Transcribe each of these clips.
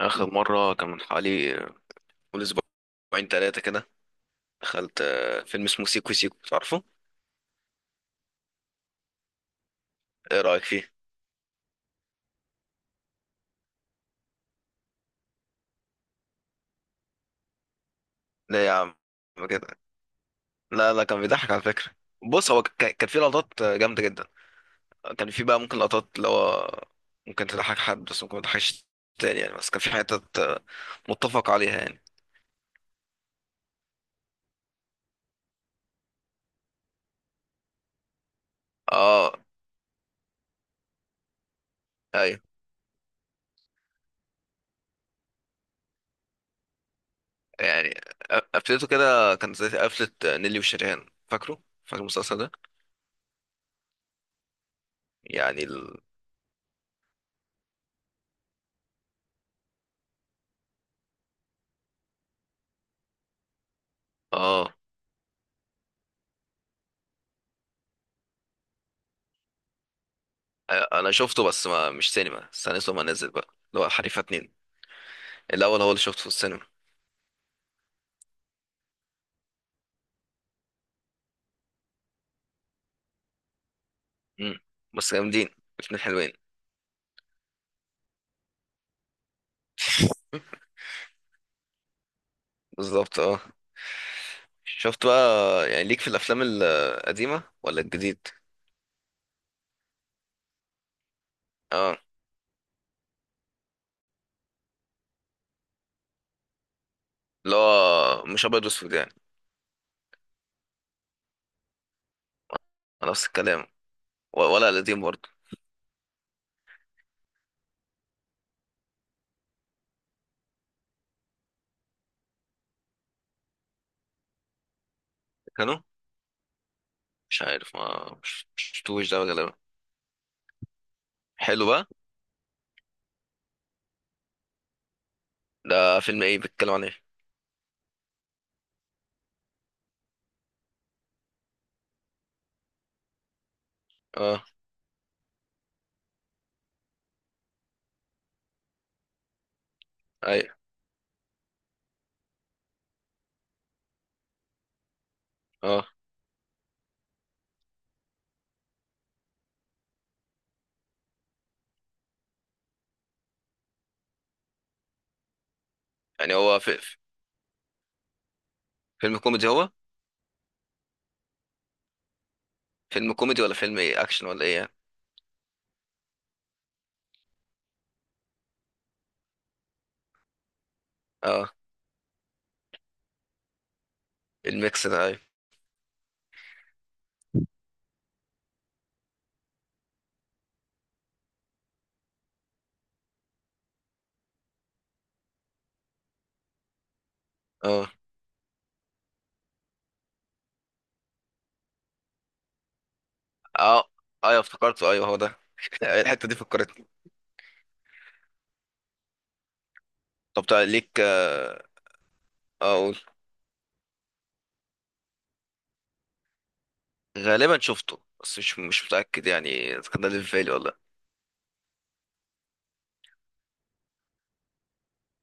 آخر مرة كان من حوالي من أسبوعين تلاتة كده. دخلت فيلم اسمه سيكو سيكو، تعرفه؟ إيه رأيك فيه؟ لا يا عم كده. لا كان بيضحك على فكرة. بص هو كان فيه لقطات جامدة جدا. كان فيه بقى ممكن لقطات اللي هو ممكن تضحك حد بس ممكن ما تضحكش تاني يعني. بس كان في حتت متفق عليها يعني. اه ايوه. يعني قفلته كده كانت زي قفلة نيلي وشريهان، فاكره؟ فاكر المسلسل ده؟ يعني ال... اه. انا شفته بس ما مش سينما، استنيته ما نزل بقى، اللي هو حريفه اتنين. الاول هو اللي شفته في السينما. امم، بس جامدين الاتنين، حلوين. بالظبط اه. شفت بقى، يعني ليك في الافلام القديمه ولا الجديد؟ اه، اللي هو مش ابيض واسود يعني؟ نفس الكلام. ولا القديم برضه؟ كانوا مش عارف ما مش شفتوش ده غالبا. حلو بقى. ده فيلم ايه، بيتكلم عن ايه؟ اه. اي. اه. يعني هو فيلم كوميدي هو؟ فيلم كوميدي ولا فيلم ايه اكشن ولا ايه يعني؟ اه، الميكس ده، ايوه. اه اه ايوه افتكرته، ايوه هو ده. الحتة دي فكرتني. طب تعال ليك اه، اقول. غالبا شفته بس مش متأكد يعني اذا كان ده اللي في بالي ولا لأ.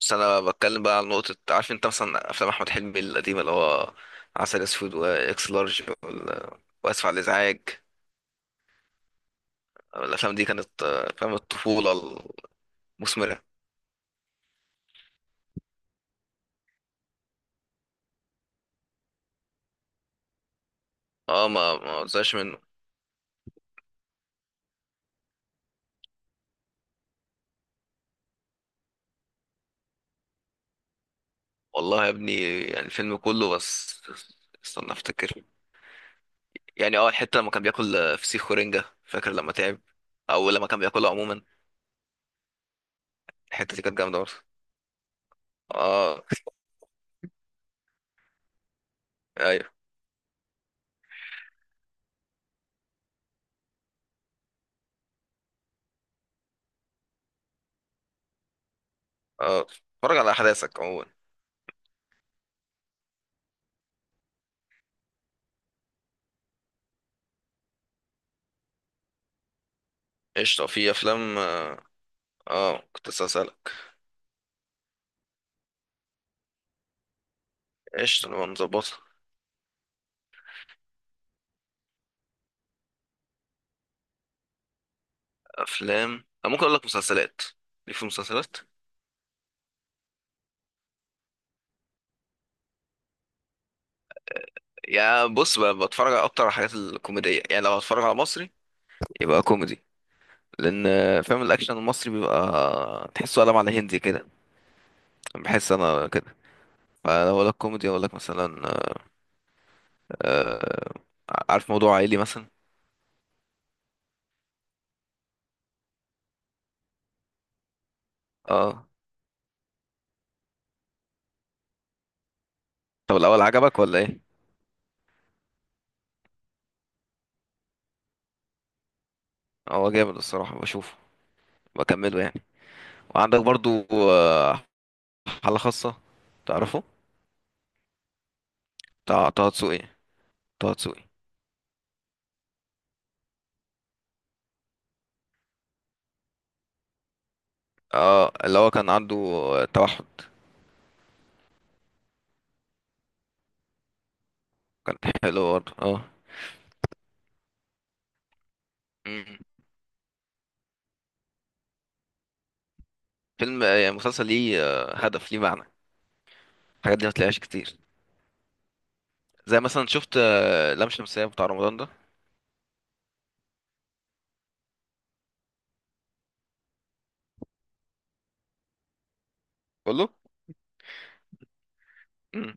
بس انا بتكلم بقى على نقطة. عارف انت مثلا افلام احمد حلمي القديمة، اللي هو عسل اسود واكس لارج واسف على الازعاج، الافلام دي كانت افلام الطفولة المثمرة. اه ما زهقش منه. والله يا ابني، يعني الفيلم كله، بس استنى افتكر. يعني اه الحته لما كان بياكل فسيخ ورنجه، فاكر لما تعب او لما كان بياكلها عموما. الحته دي كانت جامده برضه. اه ايوه اه. اتفرج على احداثك عموما. قشطه. في افلام اه، كنت لسه اسالك. قشطه نبقى نظبطها. افلام، أنا ممكن اقول لك مسلسلات، ليه؟ في مسلسلات. يا بص بتفرج على اكتر على الحاجات الكوميديه. يعني لو هتفرج على مصري يبقى كوميدي، لان فاهم الاكشن المصري بيبقى تحسه قلم على هندي كده. بحس انا كده. فلو اقول لك كوميدي اقول لك مثلا آه، عارف موضوع عائلي مثلا. اه. طب الاول عجبك ولا ايه؟ هو جامد الصراحه، بشوفه بكمله يعني. وعندك برضو آه حاله خاصه، تعرفه؟ بتاع طه دسوقي. طه دسوقي. اه اللي هو كان عنده توحد. كان حلو برضه اه. مم. فيلم يعني مسلسل ليه هدف، ليه معنى. الحاجات دي ما تلاقيهاش كتير. زي مثلا، شفت لام شمسية بتاع رمضان ده؟ كله. مم.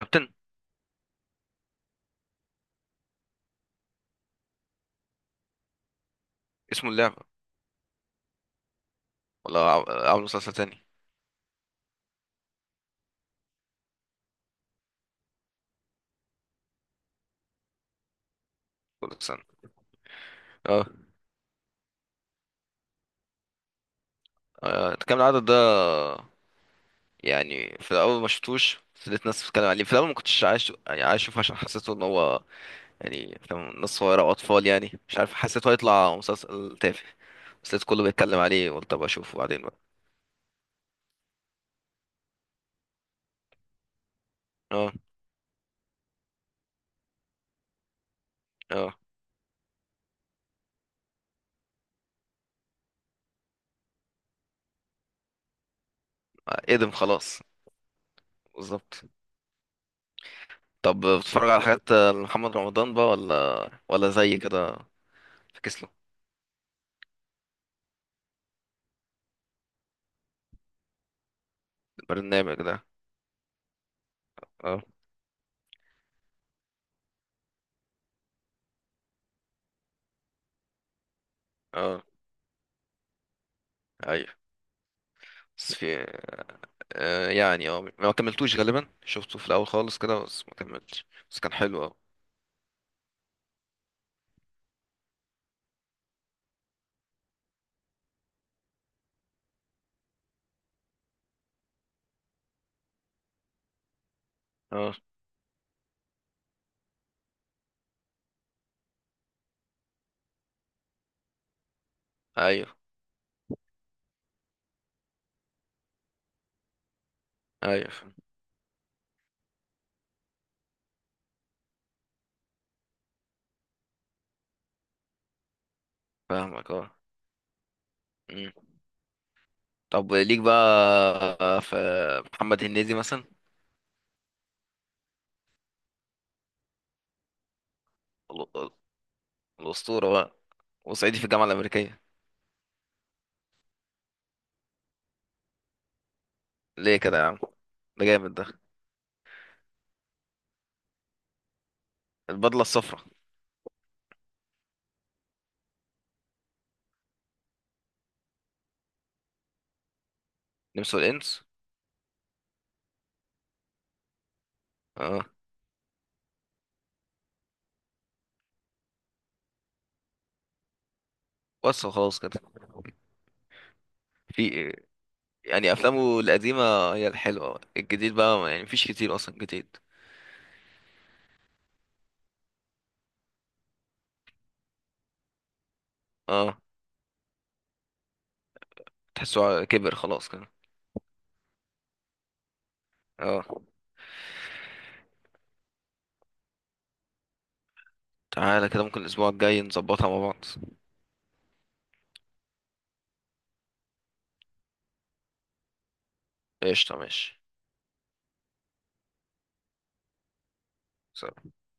كابتن. اسمه اللعبة؟ ولا عامل مسلسل تاني؟ كل سنة اه. كام العدد ده؟ يعني في الاول ما شفتوش، بس لقيت ناس بتتكلم عليه. في الاول ما كنتش عايز، يعني عايز اشوفه، عشان حسيته ان هو يعني، فاهم، ناس صغيره واطفال، يعني مش عارف، حسيته هيطلع مسلسل تافه. بس لقيت كله بيتكلم عليه، قلت ابقى اشوفه بعدين بقى. اه اه. ادم خلاص. بالظبط. طب بتتفرج على حاجات محمد رمضان بقى ولا زي كده؟ فكس له البرنامج ده. اه. اه ايوه. بس في آه يعني اه، ما كملتوش غالبا، شفته في الاول خالص كده بس ما كملتش، بس كان حلو اه. اه ايوه ايوه. فاهمك اه. مم. طب ليك بقى في محمد هنيدي مثلا؟ ال- الاسطوره بقى، وصعيدي في الجامعه الامريكيه. ليه كده يا عم؟ ده جامد ده. البدله الصفراء. نمس والانس اه. بس وخلاص كده؟ في يعني افلامه القديمه هي الحلوه، الجديد بقى يعني مفيش كتير اصلا جديد. اه، تحسه كبر خلاص كده. اه. تعالى كده ممكن الأسبوع الجاي نظبطها مع بعض. قشطة، ماشي.